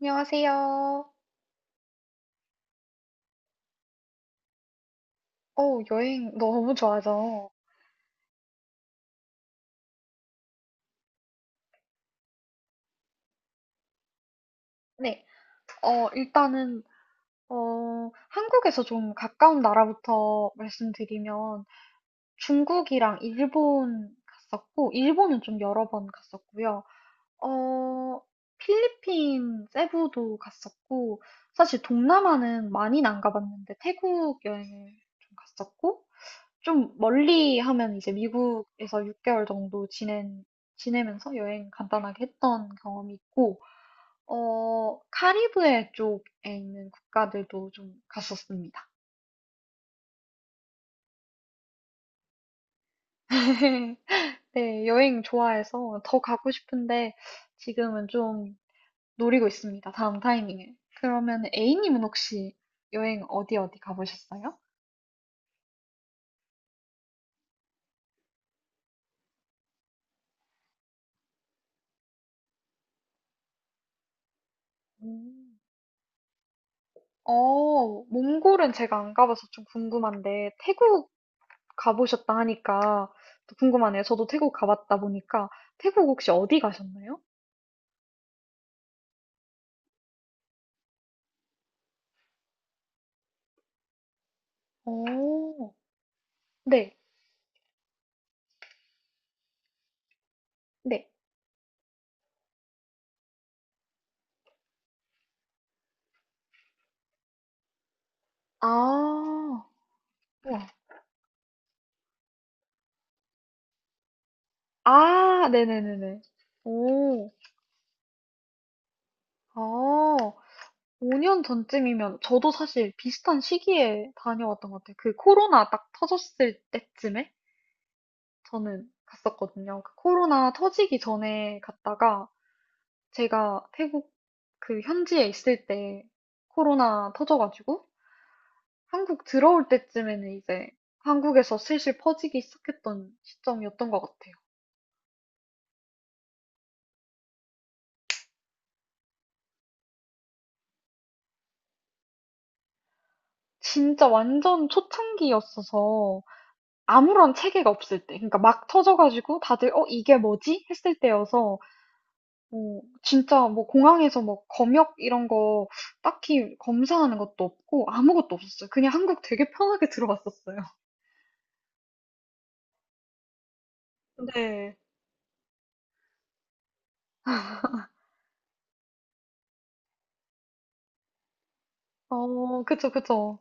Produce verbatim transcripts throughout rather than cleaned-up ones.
안녕하세요. 어, 여행 너무 좋아하죠. 네, 어, 일단은, 어, 한국에서 좀 가까운 나라부터 말씀드리면 중국이랑 일본 갔었고, 일본은 좀 여러 번 갔었고요. 어, 필리핀 세부도 갔었고, 사실 동남아는 많이는 안 가봤는데, 태국 여행을 좀 갔었고, 좀 멀리 하면 이제 미국에서 육 개월 정도 지낸, 지내면서 여행 간단하게 했던 경험이 있고, 어, 카리브해 쪽에 있는 국가들도 좀 갔었습니다. 네, 여행 좋아해서 더 가고 싶은데, 지금은 좀 노리고 있습니다. 다음 타이밍에 그러면 A님은 혹시 여행 어디 어디 가보셨어요? 음. 어, 몽골은 제가 안 가봐서 좀 궁금한데, 태국 가보셨다 하니까 또 궁금하네요. 저도 태국 가봤다 보니까, 태국 혹시 어디 가셨나요? 오, 네, 네. 아, 우와. 아, 네네네네. 오, 아. 오 년 전쯤이면 저도 사실 비슷한 시기에 다녀왔던 것 같아요. 그 코로나 딱 터졌을 때쯤에 저는 갔었거든요. 그 코로나 터지기 전에 갔다가 제가 태국 그 현지에 있을 때 코로나 터져가지고 한국 들어올 때쯤에는 이제 한국에서 슬슬 퍼지기 시작했던 시점이었던 것 같아요. 진짜 완전 초창기였어서 아무런 체계가 없을 때, 그러니까 막 터져가지고 다들 어, 이게 뭐지? 했을 때여서 어 진짜 뭐 공항에서 뭐 검역 이런 거 딱히 검사하는 것도 없고 아무것도 없었어요. 그냥 한국 되게 편하게 들어왔었어요. 네. 어, 그쵸, 그쵸.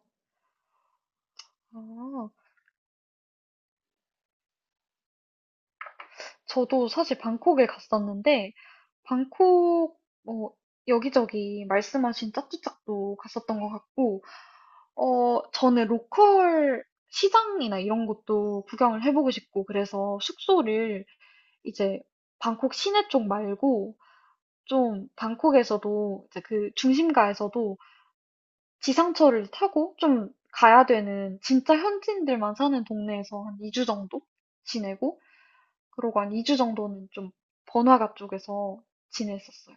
아, 저도 사실 방콕에 갔었는데, 방콕, 뭐, 여기저기 말씀하신 짜뚜짝도 갔었던 것 같고, 어, 저는 로컬 시장이나 이런 것도 구경을 해보고 싶고, 그래서 숙소를 이제 방콕 시내 쪽 말고, 좀 방콕에서도 이제 그 중심가에서도 지상철을 타고 좀 가야 되는 진짜 현지인들만 사는 동네에서 한 이 주 정도 지내고 그러고 한 이 주 정도는 좀 번화가 쪽에서 지냈었어요.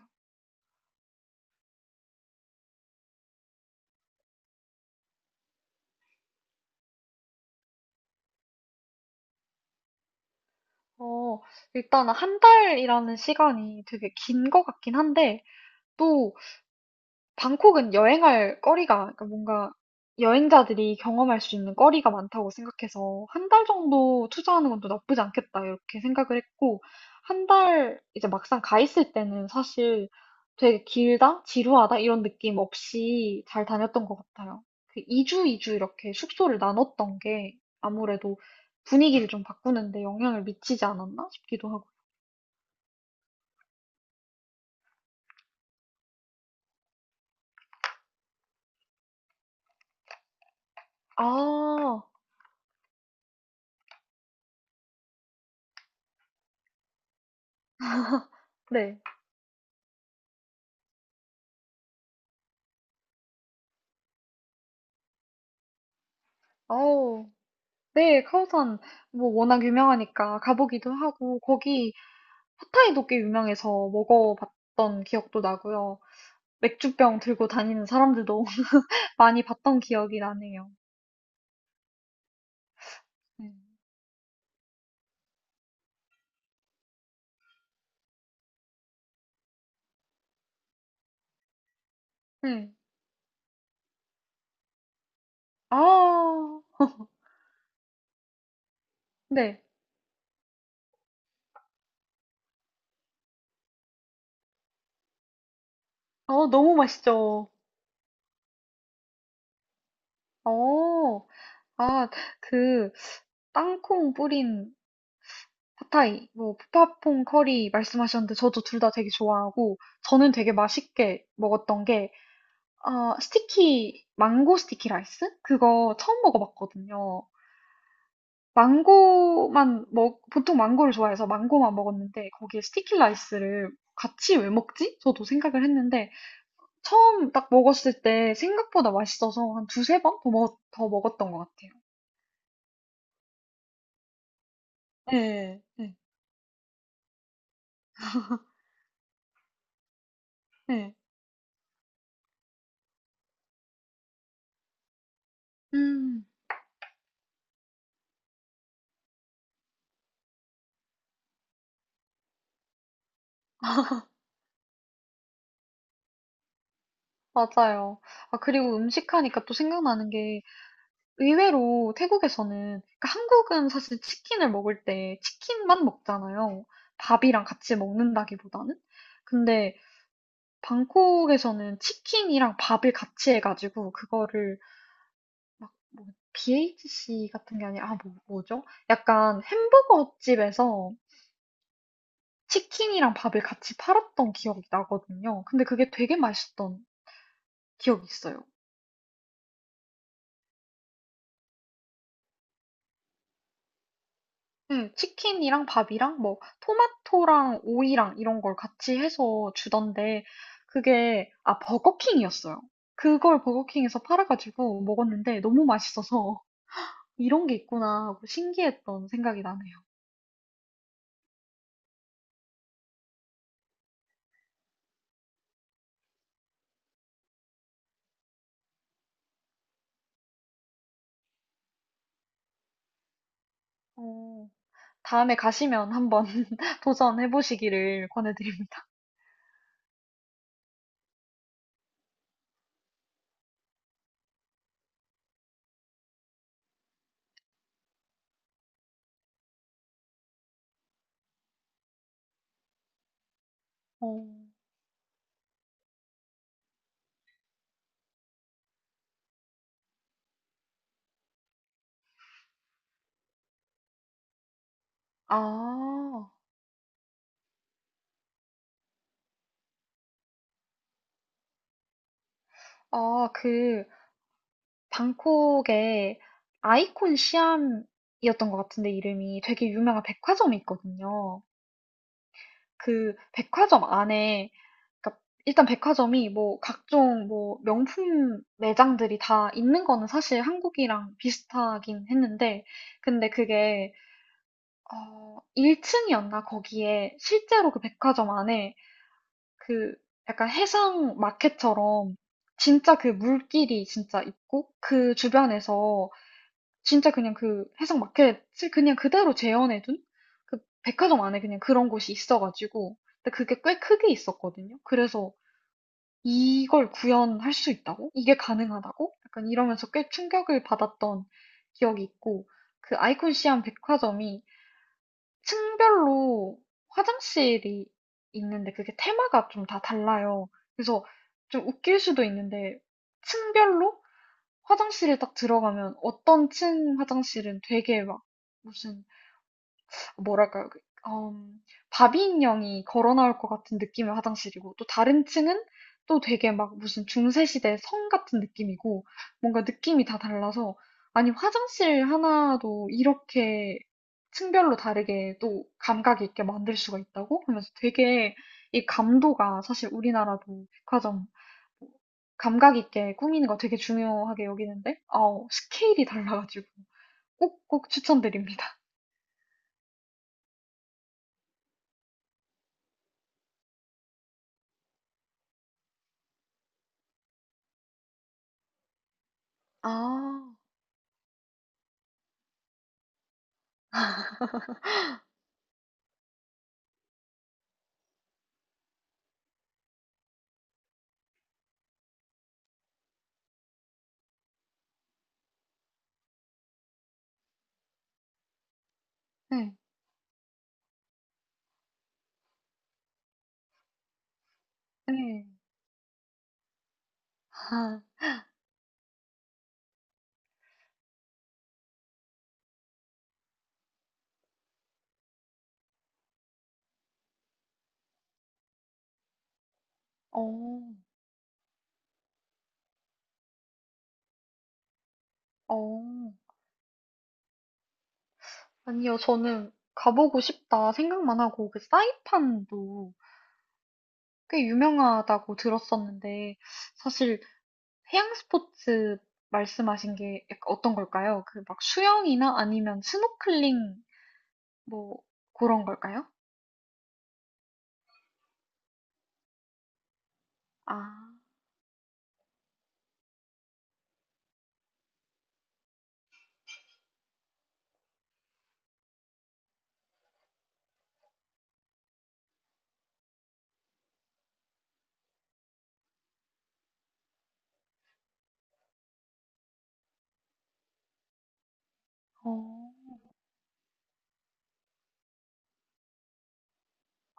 어, 일단 한 달이라는 시간이 되게 긴 것 같긴 한데 또 방콕은 여행할 거리가 그러니까 뭔가 여행자들이 경험할 수 있는 거리가 많다고 생각해서 '한 달 정도 투자하는 건 또 나쁘지 않겠다.' 이렇게 생각을 했고 한 달 이제 막상 가 있을 때는 사실 되게 '길다. 지루하다.' 이런 느낌 없이 잘 다녔던 것 같아요. 그 이 주, 이주 이렇게 숙소를 나눴던 게 아무래도 분위기를 좀 바꾸는 데 영향을 미치지 않았나 싶기도 하고. 아, 네. 어. 네, 카오산 뭐 워낙 유명하니까 가보기도 하고 거기 팟타이도 꽤 유명해서 먹어봤던 기억도 나고요. 맥주병 들고 다니는 사람들도 많이 봤던 기억이 나네요. 네. 네. 아, 네. 어, 너무 맛있죠. 어, 아, 그 땅콩 뿌린 팟타이, 뭐 푸팟퐁 커리 말씀하셨는데 저도 둘 다 되게 좋아하고 저는 되게 맛있게 먹었던 게 아 스티키 망고 스티키 라이스? 그거 처음 먹어봤거든요. 망고만 먹 보통 망고를 좋아해서 망고만 먹었는데 거기에 스티키 라이스를 같이 왜 먹지? 저도 생각을 했는데 처음 딱 먹었을 때 생각보다 맛있어서 한 두세 번 더 먹, 더 먹었던 것 같아요. 네, 네, 네. 음, 맞아요. 아, 그리고 음식 하니까 또 생각나는 게 의외로 태국에서는, 그러니까 한국은 사실 치킨을 먹을 때 치킨만 먹잖아요. 밥이랑 같이 먹는다기보다는. 근데 방콕에서는 치킨이랑 밥을 같이 해가지고 그거를 막 뭐 비에이치씨 같은 게 아니라 아 뭐, 뭐죠? 약간 햄버거 집에서 치킨이랑 밥을 같이 팔았던 기억이 나거든요. 근데 그게 되게 맛있던 기억이 있어요. 음. 치킨이랑 밥이랑 뭐 토마토랑 오이랑 이런 걸 같이 해서 주던데 그게 아 버거킹이었어요. 그걸 버거킹에서 팔아가지고 먹었는데 너무 맛있어서 이런 게 있구나 하고 신기했던 생각이 나네요. 어, 다음에 가시면 한번 도전해 보시기를 권해드립니다. 어. 아, 아, 그 방콕에 아이콘 시암이었던 것 같은데 이름이 되게 유명한 백화점이 있거든요. 그 백화점 안에, 그러니까 일단 백화점이 뭐 각종 뭐 명품 매장들이 다 있는 거는 사실 한국이랑 비슷하긴 했는데, 근데 그게 어 일 층이었나 거기에 실제로 그 백화점 안에 그 약간 해상 마켓처럼 진짜 그 물길이 진짜 있고 그 주변에서 진짜 그냥 그 해석 마켓을 그냥 그대로 재현해 둔, 그 백화점 안에 그냥 그런 곳이 있어 가지고, 근데 그게 꽤 크게 있었거든요. 그래서 '이걸 구현할 수 있다고? 이게 가능하다고?' 약간 이러면서 꽤 충격을 받았던 기억이 있고, 그 아이콘 시암 백화점이 층별로 화장실이 있는데 그게 테마가 좀 다 달라요. 그래서 좀 웃길 수도 있는데 층별로 화장실에 딱 들어가면 어떤 층 화장실은 되게 막 무슨, 뭐랄까요? 그 음 바비인형이 걸어 나올 것 같은 느낌의 화장실이고 또 다른 층은 또 되게 막 무슨 중세 시대 성 같은 느낌이고, 뭔가 느낌이 다 달라서 아니 화장실 하나도 이렇게 층별로 다르게 또 감각 있게 만들 수가 있다고 하면서, 되게 이 감도가, 사실 우리나라도 백화점 뭐 감각 있게 꾸미는 거 되게 중요하게 여기는데 어 스케일이 달라가지고 꼭꼭 추천드립니다. 아, 네. 네. 아, 어. 어. 아니요. 저는 가보고 싶다 생각만 하고, 그 사이판도 꽤 유명하다고 들었었는데, 사실 해양 스포츠 말씀하신 게 약간 어떤 걸까요? 그 막 수영이나 아니면 스노클링 뭐 그런 걸까요? 아. 어.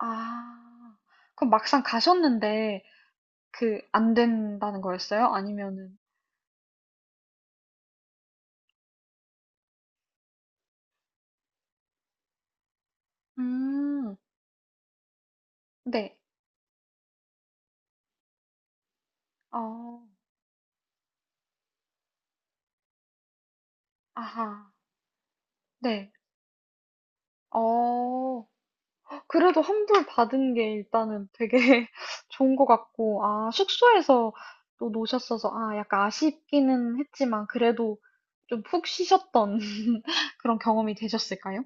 아. 그럼 막상 가셨는데 그 안 된다는 거였어요? 아니면은? 음. 네. 어. 아하. 네. 어. 그래도 환불 받은 게 일단은 되게 좋은 것 같고 아 숙소에서 또 노셨어서 아 약간 아쉽기는 했지만 그래도 좀 푹 쉬셨던 그런 경험이 되셨을까요?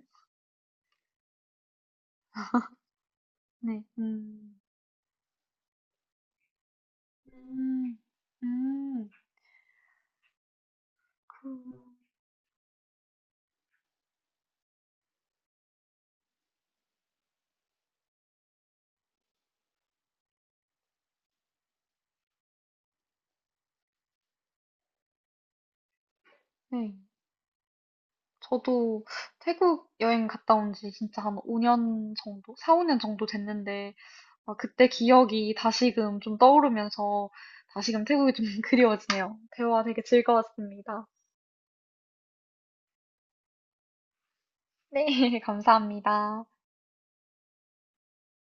네. 음. 음. 음. 그 네. 저도 태국 여행 갔다 온지 진짜 한 오 년 정도? 사오 년 정도 됐는데 아, 그때 기억이 다시금 좀 떠오르면서 다시금 태국이 좀 그리워지네요. 대화 되게 즐거웠습니다. 네, 감사합니다.